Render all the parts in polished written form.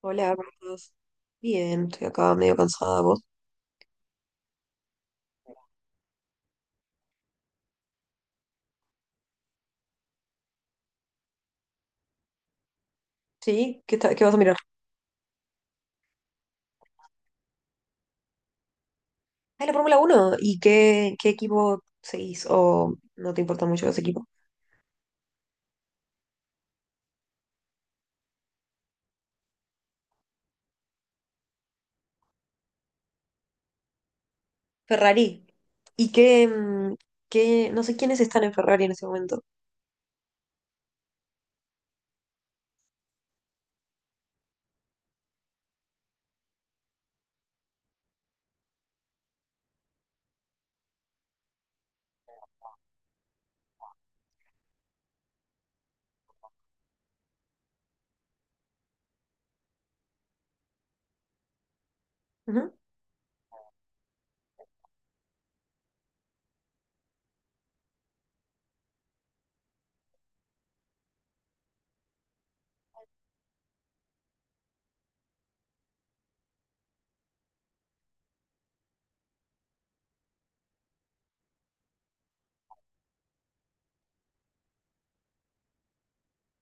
Hola, ¿cómo estás? Bien, estoy acá medio cansada. ¿Vos? ¿Sí? ¿Qué, qué vas a mirar? Ah, la Fórmula uno. ¿Y qué, qué equipo seguís? ¿O no te importa mucho ese equipo? Ferrari. ¿Y qué, qué- No sé quiénes están en Ferrari en ese momento. Ujú.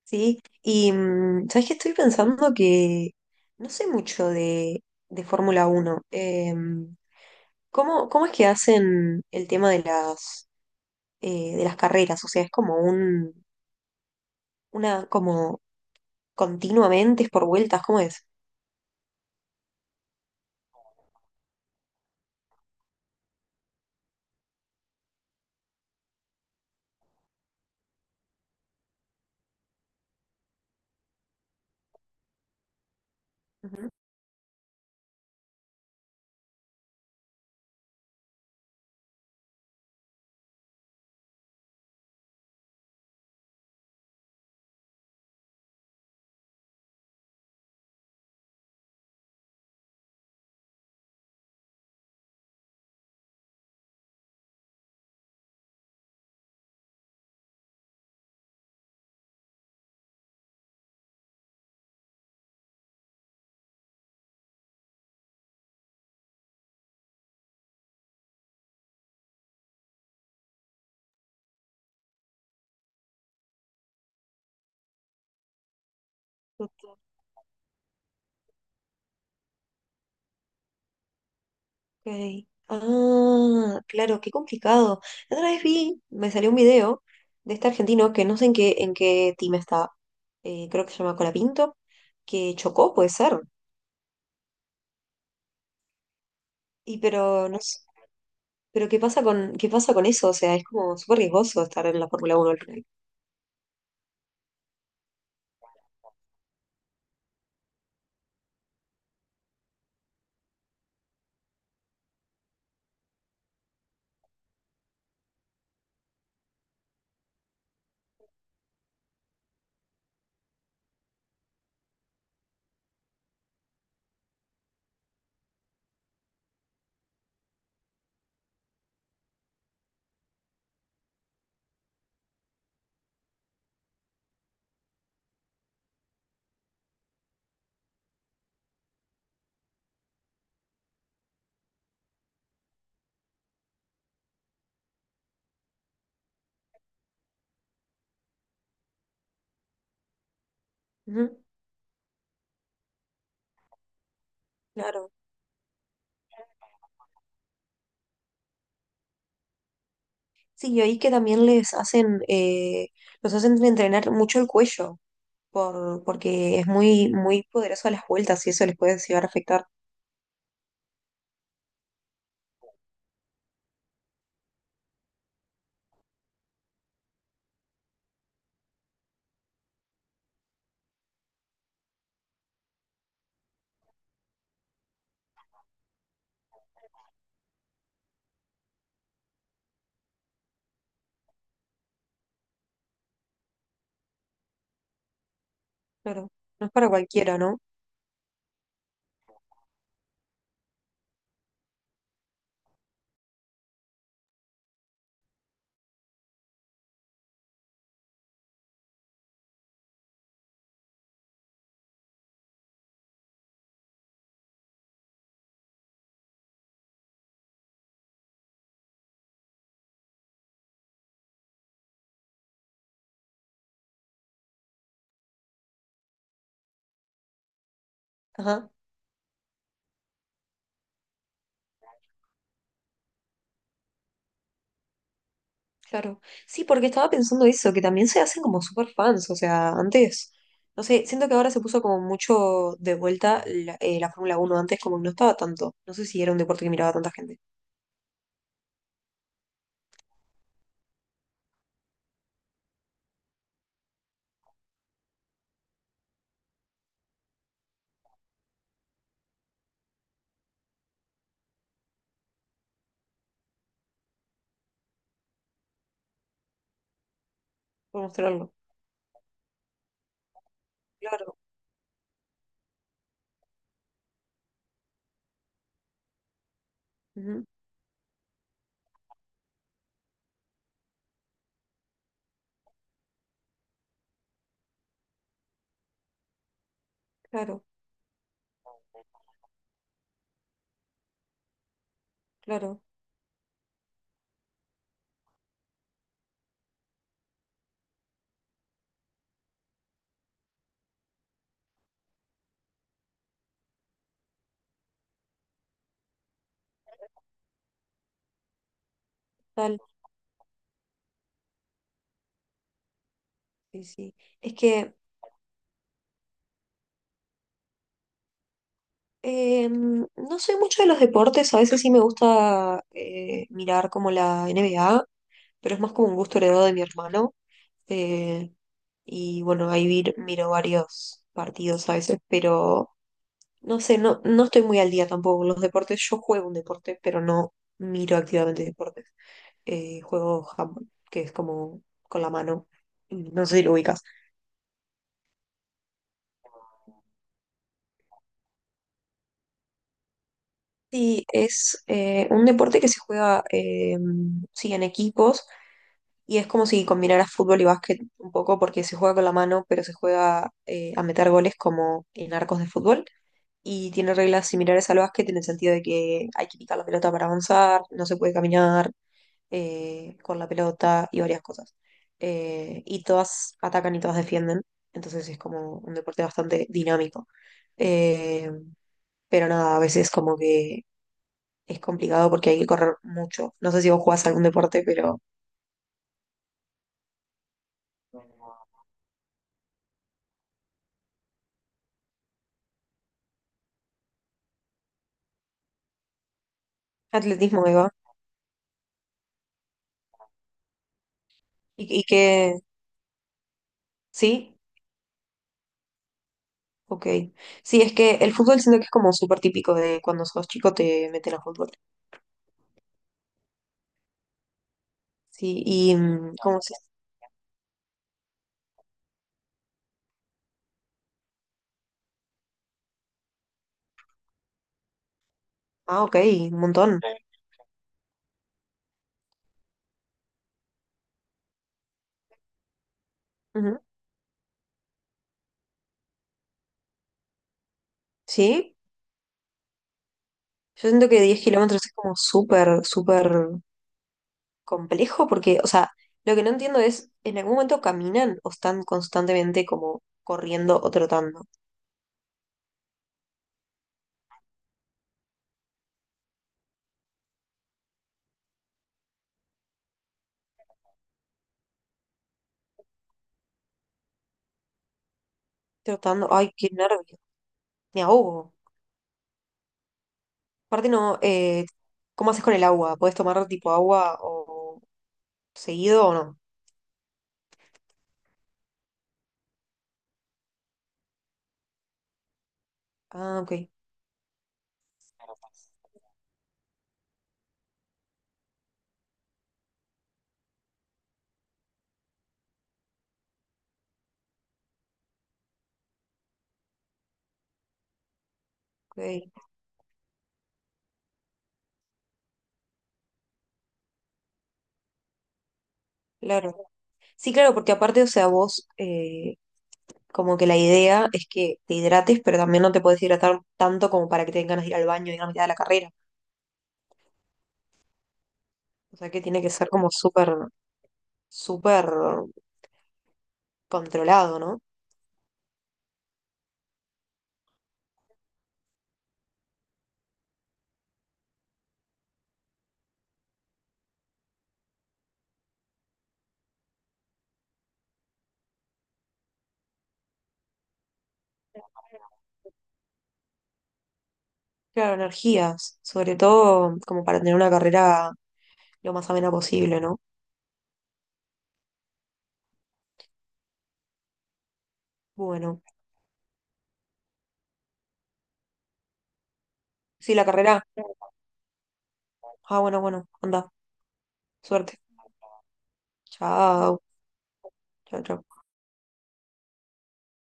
Sí. Y, ¿sabes qué? Estoy pensando que no sé mucho de Fórmula uno. ¿Cómo, cómo es que hacen el tema de de las carreras? O sea, es como un... Una, como continuamente es por vueltas, ¿cómo es? Ujú. Ok. Ah, claro, qué complicado. La otra vez vi, me salió un video de este argentino que no sé en qué team estaba. Creo que se llama Colapinto, que chocó, puede ser. Y pero no sé, pero qué pasa con eso, o sea, es como súper riesgoso estar en la Fórmula Uno al final. Ujú, claro. Sí, y ahí que también les hacen, los hacen entrenar mucho el cuello. Porque es muy, muy poderoso a las vueltas y eso les puede llegar a afectar. Claro, no es para cualquiera, ¿no? Ajá, claro. Sí, porque estaba pensando eso, que también se hacen como super fans, o sea, antes, no sé, siento que ahora se puso como mucho de vuelta la Fórmula uno antes como que no estaba tanto, no sé si era un deporte que miraba tanta gente, por mostrarlo. Claro, ujú, claro, claro, tal, sí, sí. Es que... No soy mucho de los deportes, a veces sí me gusta mirar como la N B A, pero es más como un gusto heredado de mi hermano. eh, y bueno, miro varios partidos a veces, pero no sé, no, no estoy muy al día tampoco con los deportes. Yo juego un deporte, pero no miro activamente deportes. Juego handball, que es como con la mano. No sé si lo ubicas. Sí, es un deporte que se juega sí, en equipos y es como si combinaras fútbol y básquet un poco porque se juega con la mano, pero se juega a meter goles como en arcos de fútbol. Y tiene reglas similares al básquet en el sentido de que hay que picar la pelota para avanzar, no se puede caminar con la pelota y varias cosas. Y todas atacan y todas defienden, entonces es como un deporte bastante dinámico. Eh, pero nada, a veces como que es complicado porque hay que correr mucho. No sé si vos jugás algún deporte, pero atletismo, Eva. Y que ¿sí? Ok. Sí, es que el fútbol siento que es como súper típico de cuando sos chico te meten a fútbol. Sí, y ¿cómo se Ah, ok, un montón. Ujú. Sí, yo siento que 10 kilómetros es como súper, súper complejo porque, o sea, lo que no entiendo es, ¿en algún momento caminan o están constantemente como corriendo o trotando? Trotando, ay, qué nervio, me ahogo. Aparte no, ¿cómo haces con el agua? ¿Puedes tomar tipo agua o seguido o no? Ah, ok, ok, claro. Sí, claro, porque aparte, o sea, vos, como que la idea es que te hidrates, pero también no te puedes hidratar tanto como para que te den ganas de ir al baño en la mitad de ir a la carrera. O sea, que tiene que ser como súper, súper controlado, ¿no? Claro, energías, sobre todo como para tener una carrera lo más amena posible, ¿no? Bueno, sí, la carrera. Ah, bueno, bueno, anda, suerte. Chao, chao, chao.